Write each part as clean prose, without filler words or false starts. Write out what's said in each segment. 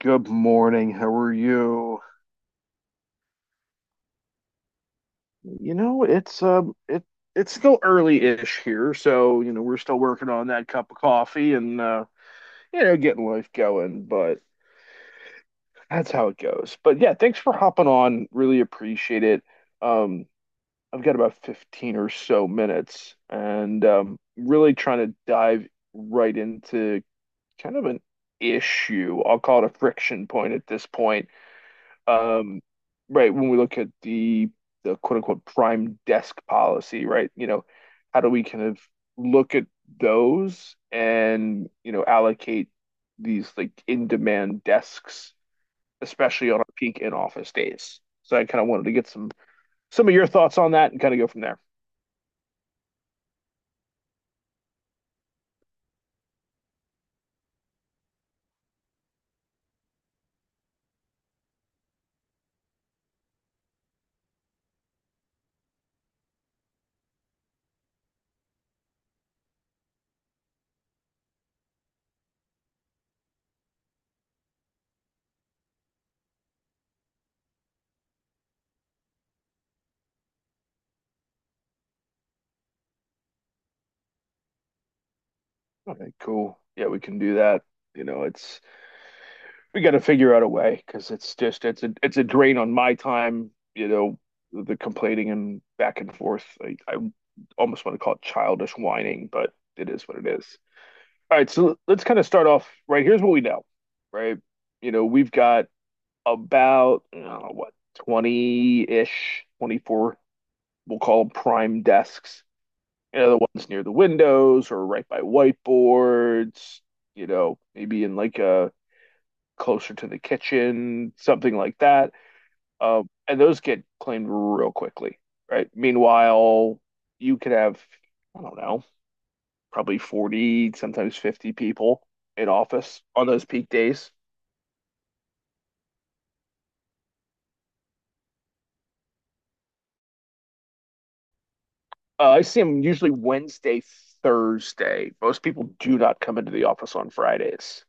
Good morning. How are you? You know, it's it it's still early-ish here, so we're still working on that cup of coffee and getting life going, but that's how it goes. But yeah, thanks for hopping on. Really appreciate it. Um I've got about 15 or so minutes and really trying to dive right into kind of an issue. I'll call it a friction point at this point um, right, when we look at the quote unquote prime desk policy, right? How do we kind of look at those and, allocate these like in-demand desks, especially on our peak in-office days? So I kind of wanted to get some of your thoughts on that and kind of go from there. Okay, cool. Yeah, we can do that. You know, it's we got to figure out a way because it's a drain on my time. You know, the complaining and back and forth. I almost want to call it childish whining, but it is what it is. All right, so let's kind of start off right. Here's what we know, right? You know, we've got about I don't know, what, 20 ish, 24, we'll call them prime desks. You know, the ones near the windows or right by whiteboards, you know, maybe in like a closer to the kitchen, something like that. And those get claimed real quickly, right? Meanwhile, you could have, I don't know, probably 40, sometimes 50 people in office on those peak days. I see them usually Wednesday, Thursday. Most people do not come into the office on Fridays.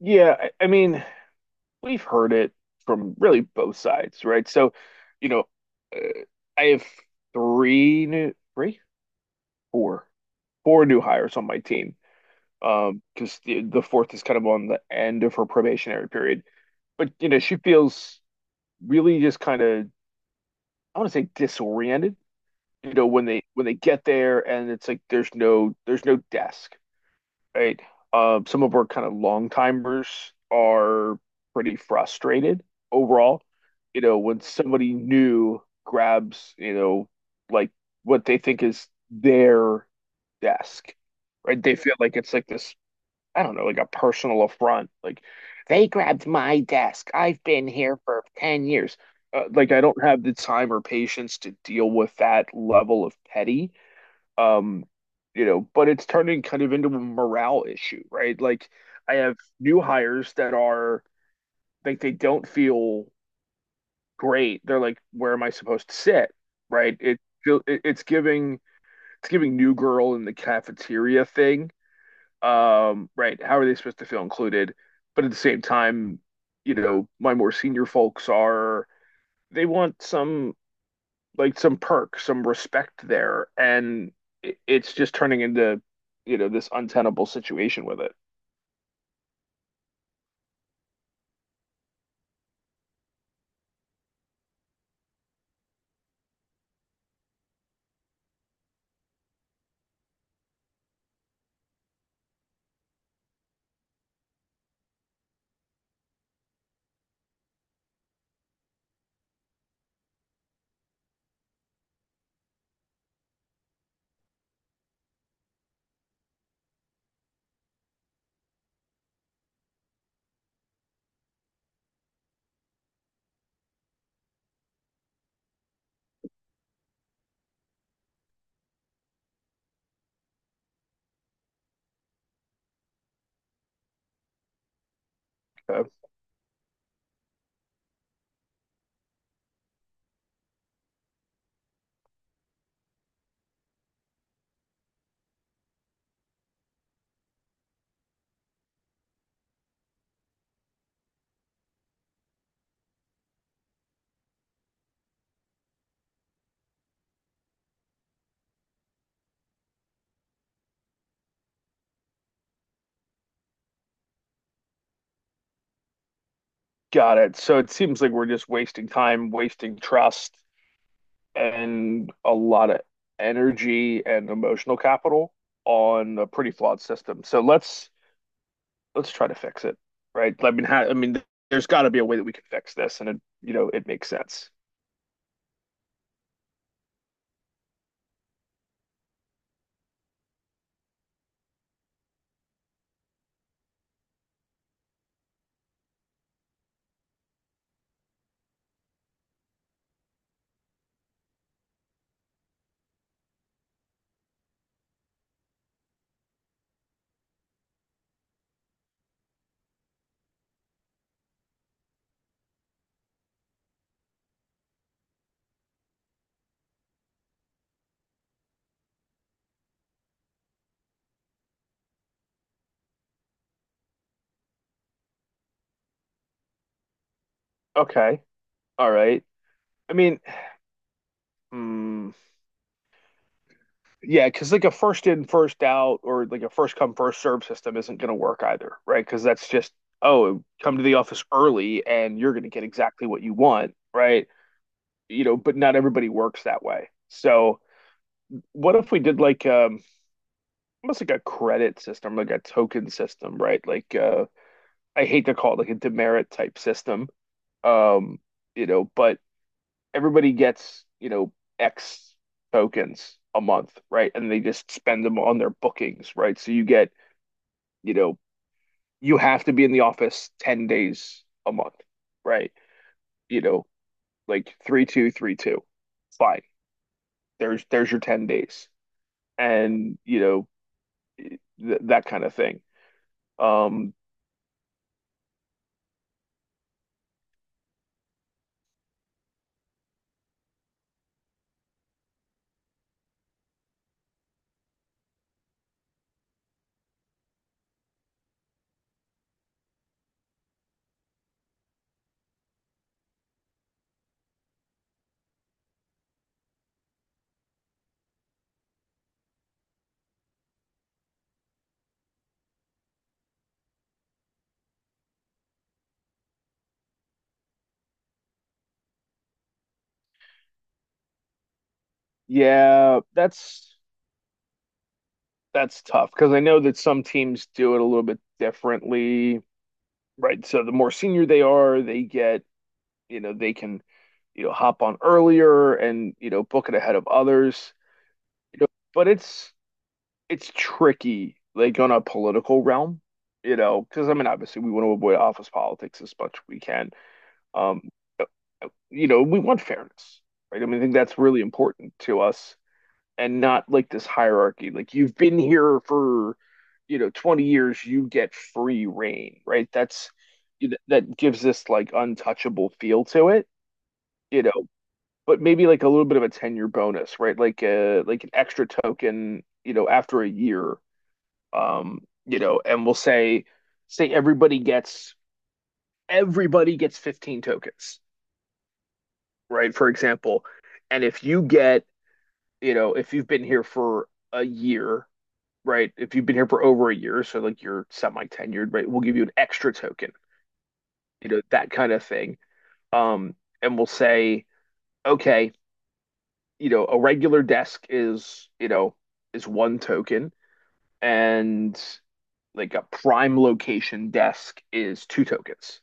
Yeah, I mean, we've heard it from really both sides, right? So, you know, uh, I have three new, three, four, four new hires on my team. Because the fourth is kind of on the end of her probationary period. But you know, she feels really just kind of, I want to say disoriented. You know, when they get there and it's like there's no desk, right? Some of our kind of long timers are pretty frustrated overall. You know, when somebody new grabs, you know, like what they think is their desk, right? They feel like it's like this, I don't know, like a personal affront. Like they grabbed my desk. I've been here for 10 years. Like I don't have the time or patience to deal with that level of petty, um, you know, but it's turning kind of into a morale issue, right? Like I have new hires that are like they don't feel great. They're like, where am I supposed to sit? Right? It, feel- it it's giving new girl in the cafeteria thing. Right? How are they supposed to feel included? But at the same time, you know, my more senior folks are they want some like some perk, some respect there, and it's just turning into, you know, this untenable situation with it. So, got it. So it seems like we're just wasting time, wasting trust, and a lot of energy and emotional capital on a pretty flawed system. So let's try to fix it, right? I mean, there's got to be a way that we can fix this, and it, you know, it makes sense. Okay, all right. I mean, hmm. Yeah, because like a first in, first out, or like a first come, first serve system isn't going to work either, right? Because that's just, oh, come to the office early and you're going to get exactly what you want, right? You know, but not everybody works that way. So, what if we did almost like a credit system, like a token system, right? I hate to call it like a demerit type system. Um, you know, but everybody gets, you know, X tokens a month, right? And they just spend them on their bookings, right? So you get, you know, you have to be in the office 10 days a month, right? You know, like three, two, three, two. Fine. There's your 10 days. And, you know, th that kind of thing. Um, yeah, that's tough because I know that some teams do it a little bit differently, right? So the more senior they are, they get, you know, they can you know hop on earlier and you know book it ahead of others. You know, but it's tricky like on a political realm, you know, because I mean obviously we want to avoid office politics as much as we can. Um, you know, we want fairness, right? I mean, I think that's really important to us and not like this hierarchy. Like you've been here for, you know, 20 years, you get free reign, right? That gives this like untouchable feel to it, you know, but maybe like a little bit of a tenure bonus, right? Like an extra token, you know, after a year. Um, you know, and we'll say say everybody gets everybody gets 15 tokens, right? For example. And if you get, you know, if you've been here for a year, right? If you've been here for over a year, so like you're semi tenured, right? We'll give you an extra token, you know, that kind of thing. Um, and we'll say, okay, you know, a regular desk is, you know, is one token and like a prime location desk is two tokens.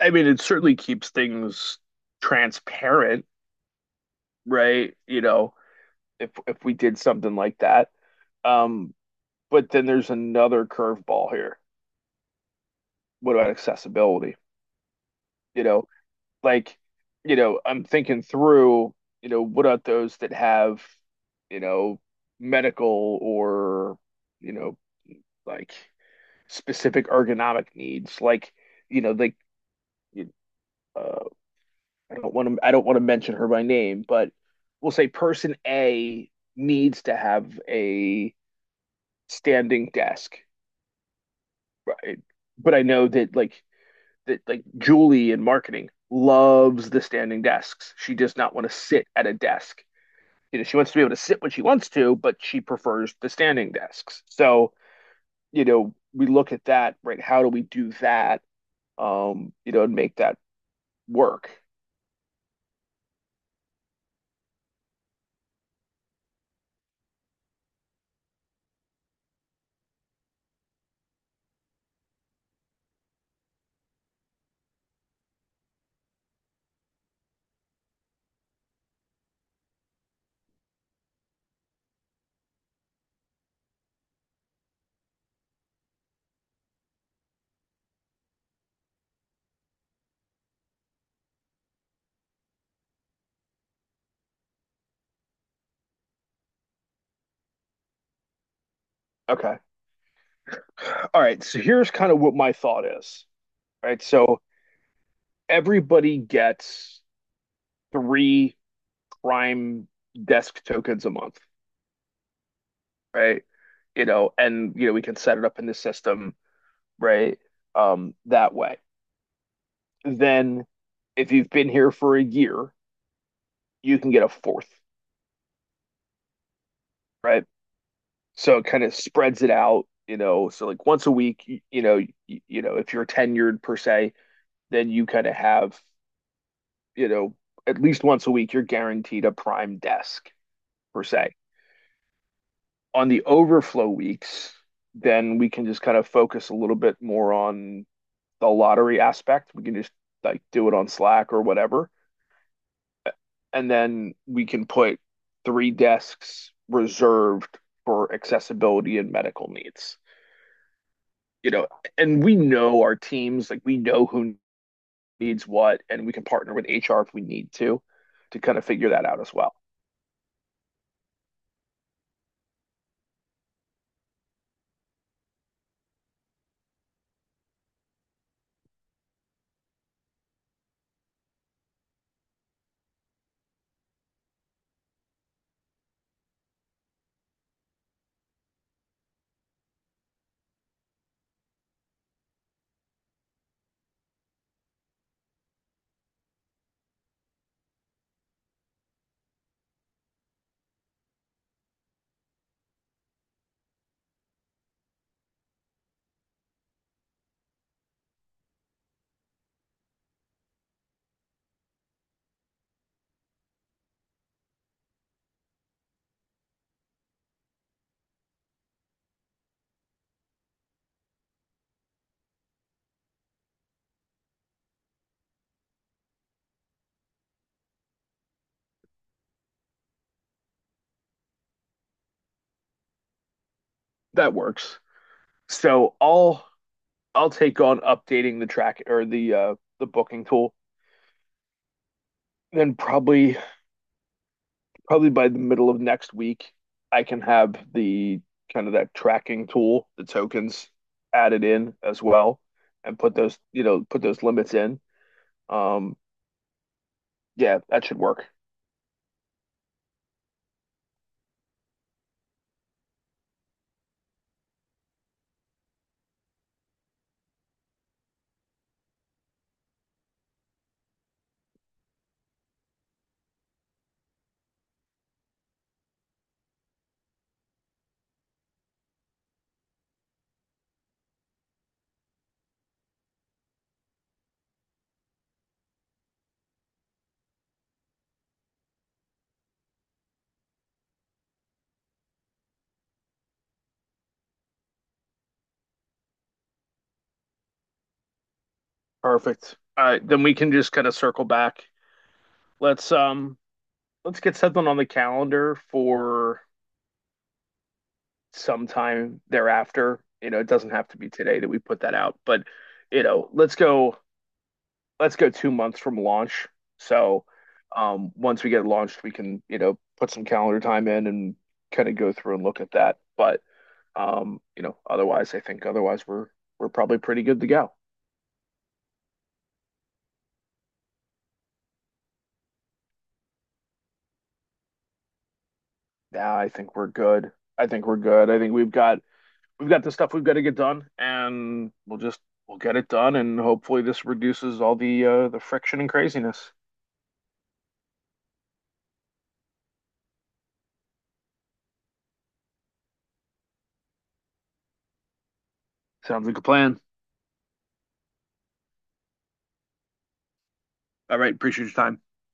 I mean, it certainly keeps things transparent, right? You know, if we did something like that. Um, but then there's another curveball here. What about accessibility? You know, like, you know, I'm thinking through, you know, what about those that have, you know, medical or, you know, like specific ergonomic needs, like, you know, you- uh, I don't want to mention her by name, but we'll say person A needs to have a standing desk, right? But I know that like Julie in marketing loves the standing desks. She does not want to sit at a desk. You know, she wants to be able to sit when she wants to, but she prefers the standing desks. So, you know, we look at that, right? How do we do that? You know, and make that work. Okay. All right. So here's kind of what my thought is, right? So everybody gets three prime desk tokens a month, right? You know, and you know, we can set it up in the system, right? That way. Then if you've been here for a year, you can get a fourth, right? So it kind of spreads it out, you know. So like once a week, you, you know, if you're tenured per se, then you kind of have, you know, at least once a week, you're guaranteed a prime desk per se. On the overflow weeks, then we can just kind of focus a little bit more on the lottery aspect. We can just like do it on Slack or whatever. And then we can put three desks reserved for accessibility and medical needs. You know, and we know our teams, like we know who needs what, and we can partner with HR if we need to kind of figure that out as well. That works. So I'll take on updating the booking tool then probably by the middle of next week, I can have the kind of that tracking tool, the tokens added in as well, and put those you know put those limits in. Um, yeah, that should work. Perfect. All right, then we can just kind of circle back. Let's um let's get something on the calendar for sometime thereafter. You know, it doesn't have to be today that we put that out, but you know, let's go 2 months from launch. So once we get launched, we can, you know, put some calendar time in and kind of go through and look at that. But you know, otherwise, I think otherwise we're probably pretty good to go. Yeah, I think we're good. I think we're good. I think we've got the stuff we've got to get done, and we'll just we'll get it done, and hopefully this reduces all the friction and craziness. Sounds like a plan. All right, appreciate your time.